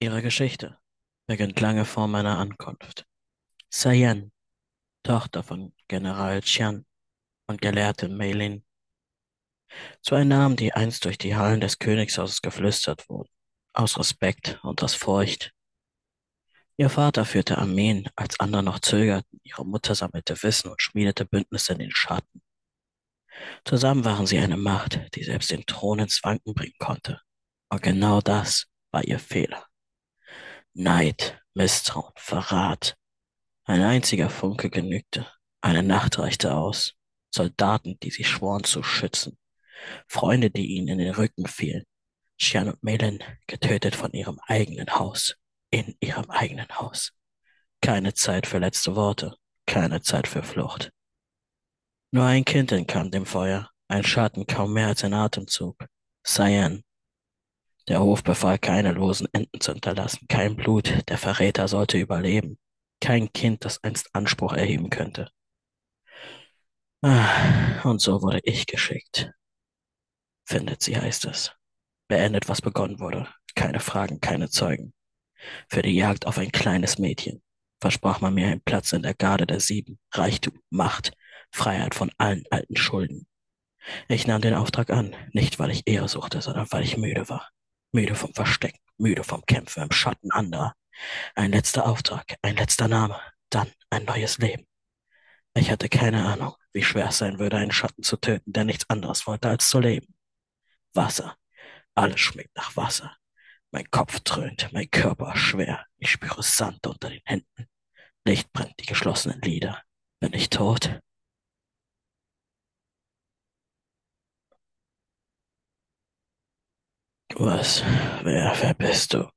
Ihre Geschichte beginnt lange vor meiner Ankunft. Sayen, Tochter von General Qian und Gelehrte Mei Lin, zwei Namen, die einst durch die Hallen des Königshauses geflüstert wurden, aus Respekt und aus Furcht. Ihr Vater führte Armeen, als andere noch zögerten, ihre Mutter sammelte Wissen und schmiedete Bündnisse in den Schatten. Zusammen waren sie eine Macht, die selbst den Thron ins Wanken bringen konnte. Und genau das war ihr Fehler. Neid, Misstrauen, Verrat, ein einziger Funke genügte. Eine Nacht reichte aus. Soldaten, die sie schworen zu schützen, Freunde, die ihnen in den Rücken fielen, Shan und Melin getötet von ihrem eigenen Haus, in ihrem eigenen Haus. Keine Zeit für letzte Worte, keine Zeit für Flucht. Nur ein Kind entkam dem Feuer, ein Schatten kaum mehr als ein Atemzug. Cyan, der Hof befahl, keine losen Enden zu hinterlassen, kein Blut, der Verräter sollte überleben, kein Kind, das einst Anspruch erheben könnte. Und so wurde ich geschickt. Findet sie, heißt es. Beendet, was begonnen wurde. Keine Fragen, keine Zeugen. Für die Jagd auf ein kleines Mädchen. Versprach man mir einen Platz in der Garde der Sieben. Reichtum, Macht, Freiheit von allen alten Schulden. Ich nahm den Auftrag an, nicht weil ich Ehre suchte, sondern weil ich müde war. Müde vom Verstecken, müde vom Kämpfen im Schatten anderer. Ein letzter Auftrag, ein letzter Name, dann ein neues Leben. Ich hatte keine Ahnung, wie schwer es sein würde, einen Schatten zu töten, der nichts anderes wollte, als zu leben. Wasser. Alles schmeckt nach Wasser. Mein Kopf dröhnt, mein Körper schwer. Ich spüre Sand unter den Händen. Licht brennt die geschlossenen Lider. Bin ich tot? Was? Wer bist du?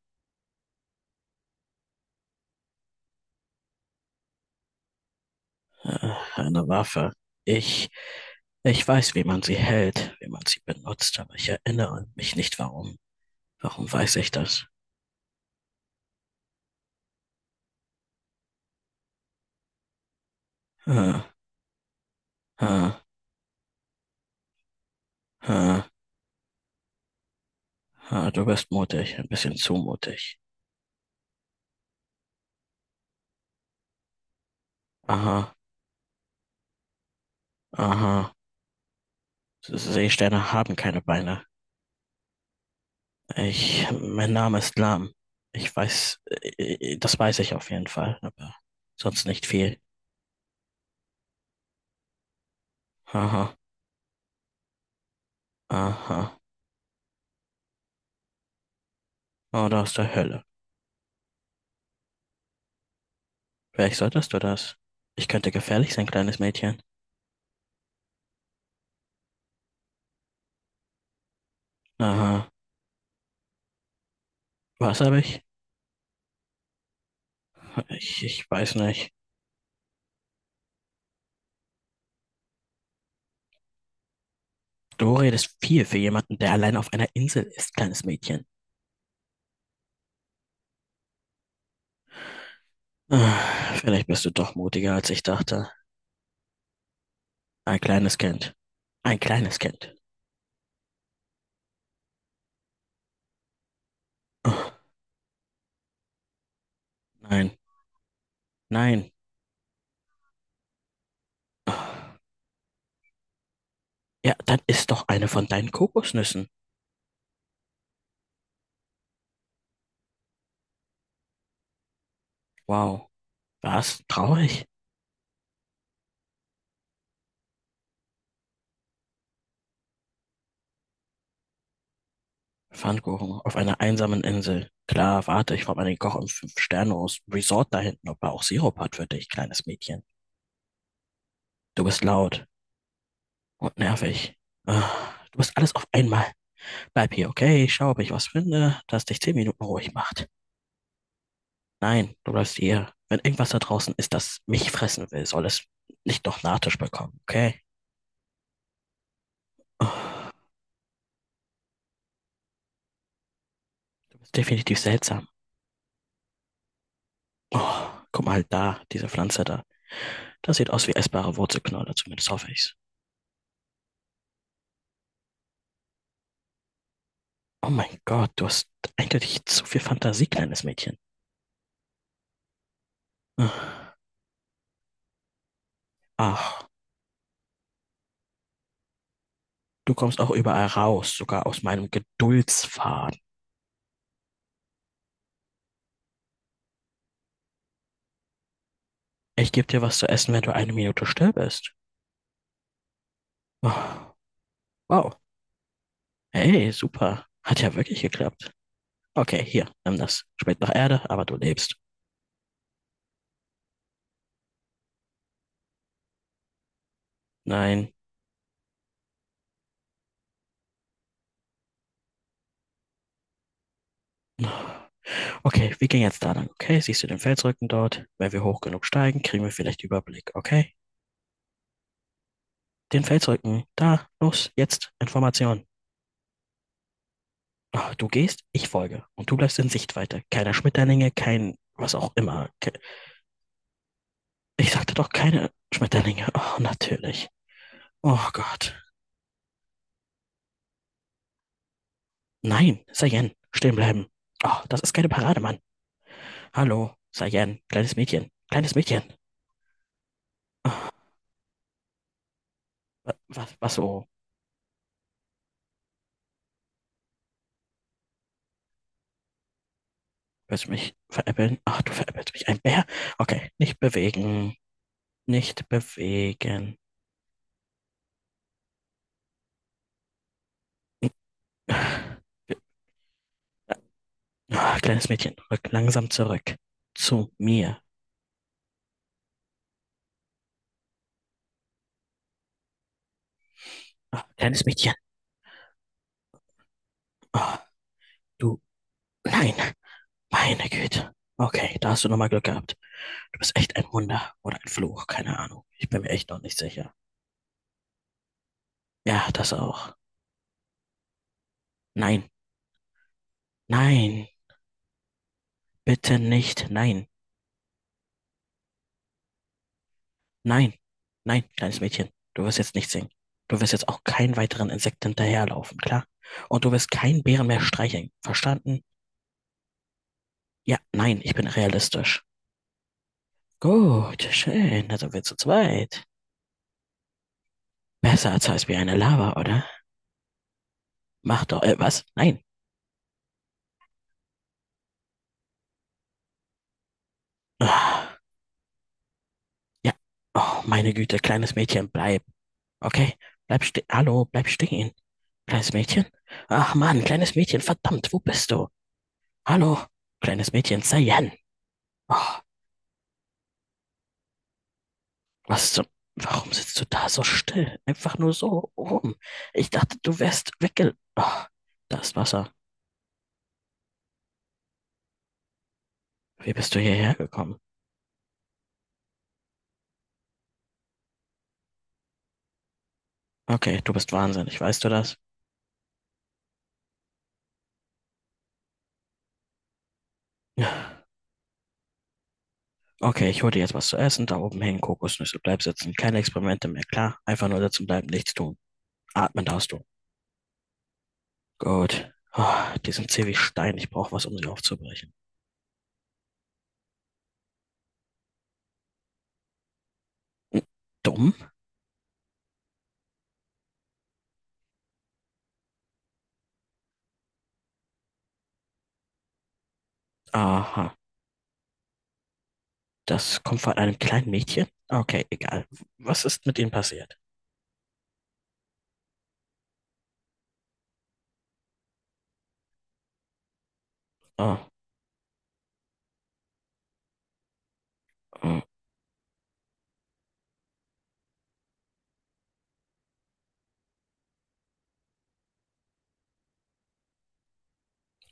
Eine Waffe. Ich, ich weiß, wie man sie hält, wie man sie benutzt, aber ich erinnere mich nicht, warum. Warum weiß ich das? Hm, hm, hm, hm, du bist mutig, ein bisschen zu mutig. Aha, aha. S- Seesterne haben keine Beine. Mein Name ist Lam. Ich weiß, das weiß ich auf jeden Fall, aber sonst nicht viel. Aha, aha. Oder aus der Hölle. Vielleicht solltest du das. Ich könnte gefährlich sein, kleines Mädchen. Aha. Was habe ich? Ich weiß nicht. Du redest viel für jemanden, der allein auf einer Insel ist, kleines Mädchen. Vielleicht bist du doch mutiger, als ich dachte. Ein kleines Kind. Ein kleines Kind. Ah, Nein, nein. Ah, Ja, dann isst doch eine von deinen Kokosnüssen. Wow, was? Traurig? Pfannkuchen auf einer einsamen Insel. Klar, warte, ich frage mal den Koch im Fünf-Sterne-Resort da hinten, ob er auch Sirup hat für dich, kleines Mädchen. Du bist laut und nervig. Ah, du bist alles auf einmal. Bleib hier, okay? Ich schaue, ob ich was finde, das dich zehn Minuten ruhig macht. Nein, du bleibst hier. Wenn irgendwas da draußen ist, das mich fressen will, soll es nicht noch Nachtisch bekommen, okay? Ah, du bist definitiv seltsam. Oh, guck mal da, diese Pflanze da. Das sieht aus wie essbare Wurzelknolle, zumindest hoffe ich's. Oh mein Gott, du hast eindeutig zu viel Fantasie, kleines Mädchen. Ach, du kommst auch überall raus, sogar aus meinem Geduldsfaden. Ich gebe dir was zu essen, wenn du eine Minute still bist. Oh, wow. Hey, super. Hat ja wirklich geklappt. Okay, hier, nimm das. Schmeckt nach Erde, aber du lebst. Nein. Okay, wir gehen jetzt da lang, okay? Siehst du den Felsrücken dort? Wenn wir hoch genug steigen, kriegen wir vielleicht Überblick, okay? Den Feldzeugen. Da, los, jetzt, Information. Du gehst, ich folge. Und du bleibst in Sichtweite. Keine Schmetterlinge, kein was auch immer. Ich sagte doch, keine Schmetterlinge. Oh, natürlich. Oh Gott. Nein, Sayen, stehen bleiben. Oh, das ist keine Parade, Mann. Hallo, Sayen, kleines Mädchen. Kleines Mädchen. Ah, was, was so? Willst du mich veräppeln? Ach, du veräppelst mich. Ein Bär? Okay, nicht bewegen. Nicht bewegen. Kleines Mädchen, rück langsam zurück. Zu mir. Ah, kleines Mädchen. Ah, du. Nein. Meine Güte. Okay, da hast du nochmal Glück gehabt. Du bist echt ein Wunder oder ein Fluch, keine Ahnung. Ich bin mir echt noch nicht sicher. Ja, das auch. Nein. Nein. Bitte nicht. Nein. Nein. Nein, kleines Mädchen. Du wirst jetzt nicht singen. Du wirst jetzt auch keinen weiteren Insekt hinterherlaufen, klar? Und du wirst keinen Bären mehr streicheln. Verstanden? Ja, nein, ich bin realistisch. Gut, schön, da sind wir zu zweit. Besser als heiß wie eine Lava, oder? Mach doch, was? Nein. Ah, ja. Oh, meine Güte, kleines Mädchen, bleib. Okay, bleib stehen. Hallo, bleib stehen. Kleines Mädchen? Ach Mann, kleines Mädchen, verdammt, wo bist du? Hallo, kleines Mädchen, Sayen. Oh, was zum... Warum sitzt du da so still? Einfach nur so rum. Ich dachte, du wärst wegge... Oh, da ist Wasser. Wie bist du hierher gekommen? Okay, du bist wahnsinnig, weißt du das? Ja. Okay, ich hole dir jetzt was zu essen. Da oben hängen Kokosnüsse. Bleib sitzen. Keine Experimente mehr. Klar, einfach nur sitzen bleiben, nichts tun. Atmen darfst du. Gut. Ah, die sind zäh wie Stein. Ich brauche was, um sie aufzubrechen. Hm, dumm? Aha. Das kommt von einem kleinen Mädchen? Okay, egal. Was ist mit ihnen passiert? Ah, hm.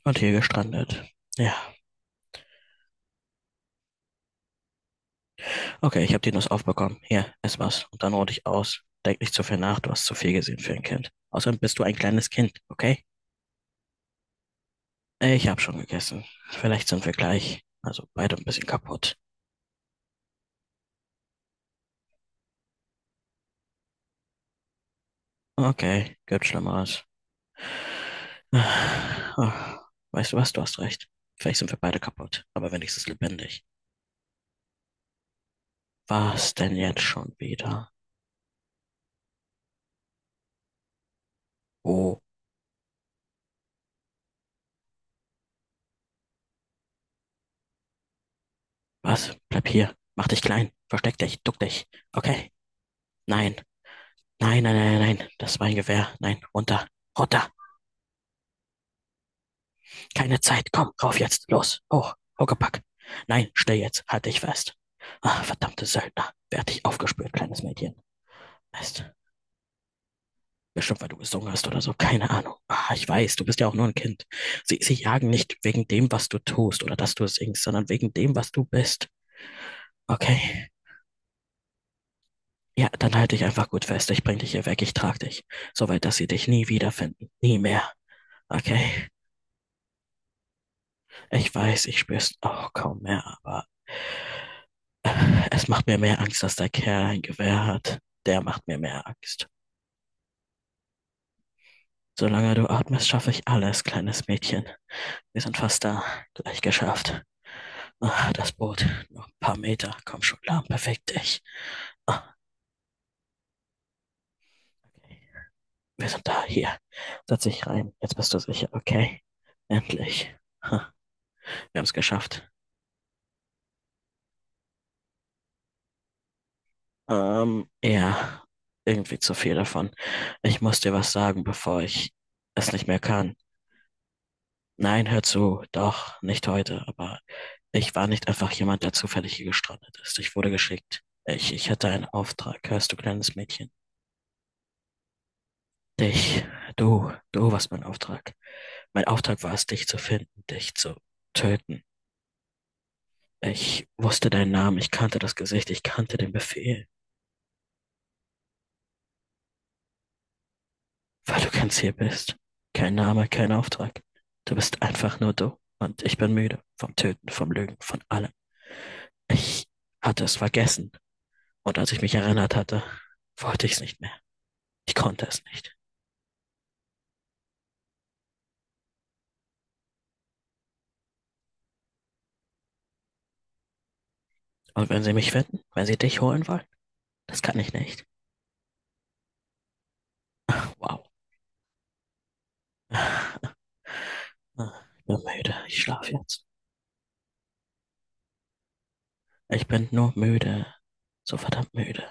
Und hier gestrandet. Ja. Okay, ich habe die Nuss aufbekommen. Hier, ess was. Und dann ruh dich aus. Denk nicht zu viel nach. Du hast zu viel gesehen für ein Kind. Außerdem bist du ein kleines Kind, okay? Ich habe schon gegessen. Vielleicht sind wir gleich. Also beide ein bisschen kaputt. Okay, gibt Schlimmeres. Ah, ah, weißt du was? Du hast recht. Vielleicht sind wir beide kaputt, aber wenigstens lebendig. Was denn jetzt schon wieder? Oh, was? Bleib hier. Mach dich klein. Versteck dich. Duck dich. Okay. Nein. Nein, nein, nein, nein. Nein. Das war ein Gewehr. Nein. Runter. Runter. Keine Zeit. Komm, rauf jetzt. Los. Hoch. Huckepack. Nein, steh jetzt. Halt dich fest. Ah, verdammte Söldner. Werd dich aufgespürt, kleines Mädchen. Weißt du, bestimmt, weil du gesungen hast oder so, keine Ahnung. Ah, ich weiß, du bist ja auch nur ein Kind. Sie jagen nicht wegen dem, was du tust oder dass du singst, sondern wegen dem, was du bist. Okay, ja, dann halte dich einfach gut fest. Ich bring dich hier weg, ich trage dich. Soweit, dass sie dich nie wiederfinden. Nie mehr. Okay, ich weiß, ich spür's auch kaum mehr, aber es macht mir mehr Angst, dass der Kerl ein Gewehr hat. Der macht mir mehr Angst. Solange du atmest, schaffe ich alles, kleines Mädchen. Wir sind fast da. Gleich geschafft. Ah, das Boot. Noch ein paar Meter. Komm schon klar. Perfekt. Ich. Ah, okay. Wir sind da. Hier. Setz dich rein. Jetzt bist du sicher. Okay. Endlich. Ha, wir haben es geschafft. Ja. Irgendwie zu viel davon. Ich muss dir was sagen, bevor ich es nicht mehr kann. Nein, hör zu. Doch, nicht heute. Aber ich war nicht einfach jemand, der zufällig hier gestrandet ist. Ich wurde geschickt. Ich hatte einen Auftrag. Hörst du, kleines Mädchen? Dich, du warst mein Auftrag. Mein Auftrag war es, dich zu finden, dich zu töten. Ich wusste deinen Namen, ich kannte das Gesicht, ich kannte den Befehl, weil du ganz hier bist. Kein Name, kein Auftrag. Du bist einfach nur du. Und ich bin müde vom Töten, vom Lügen, von allem. Ich hatte es vergessen. Und als ich mich erinnert hatte, wollte ich es nicht mehr. Ich konnte es nicht. Und wenn sie mich finden, wenn sie dich holen wollen, das kann ich nicht. Wow. Ich bin müde. Ich schlafe jetzt. Ich bin nur müde. So verdammt müde.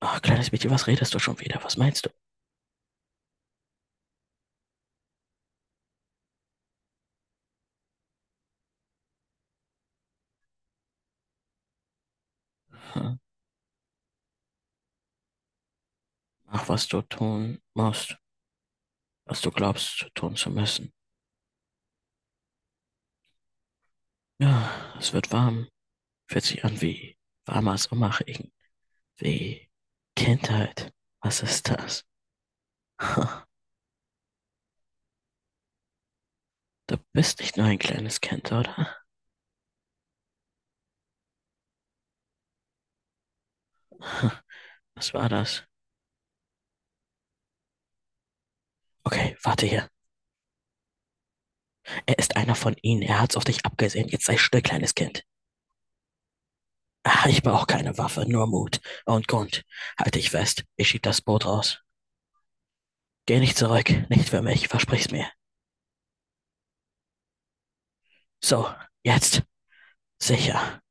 Ach, kleines Mädchen, was redest du schon wieder? Was meinst du? Hm? Mach, was du tun musst, was du glaubst, tun zu müssen. Ja, es wird warm. Fühlt sich an wie warmer Sommerregen. Wie Kindheit. Was ist das? Hm. Du bist nicht nur ein kleines Kind, oder? Hm. Was war das? Okay, warte hier. Er ist einer von ihnen. Er hat's auf dich abgesehen. Jetzt sei still, kleines Kind. Ach, ich brauche keine Waffe, nur Mut und Grund. Halt dich fest. Ich schieb das Boot raus. Geh nicht zurück. Nicht für mich. Versprich's mir. So, jetzt. Sicher.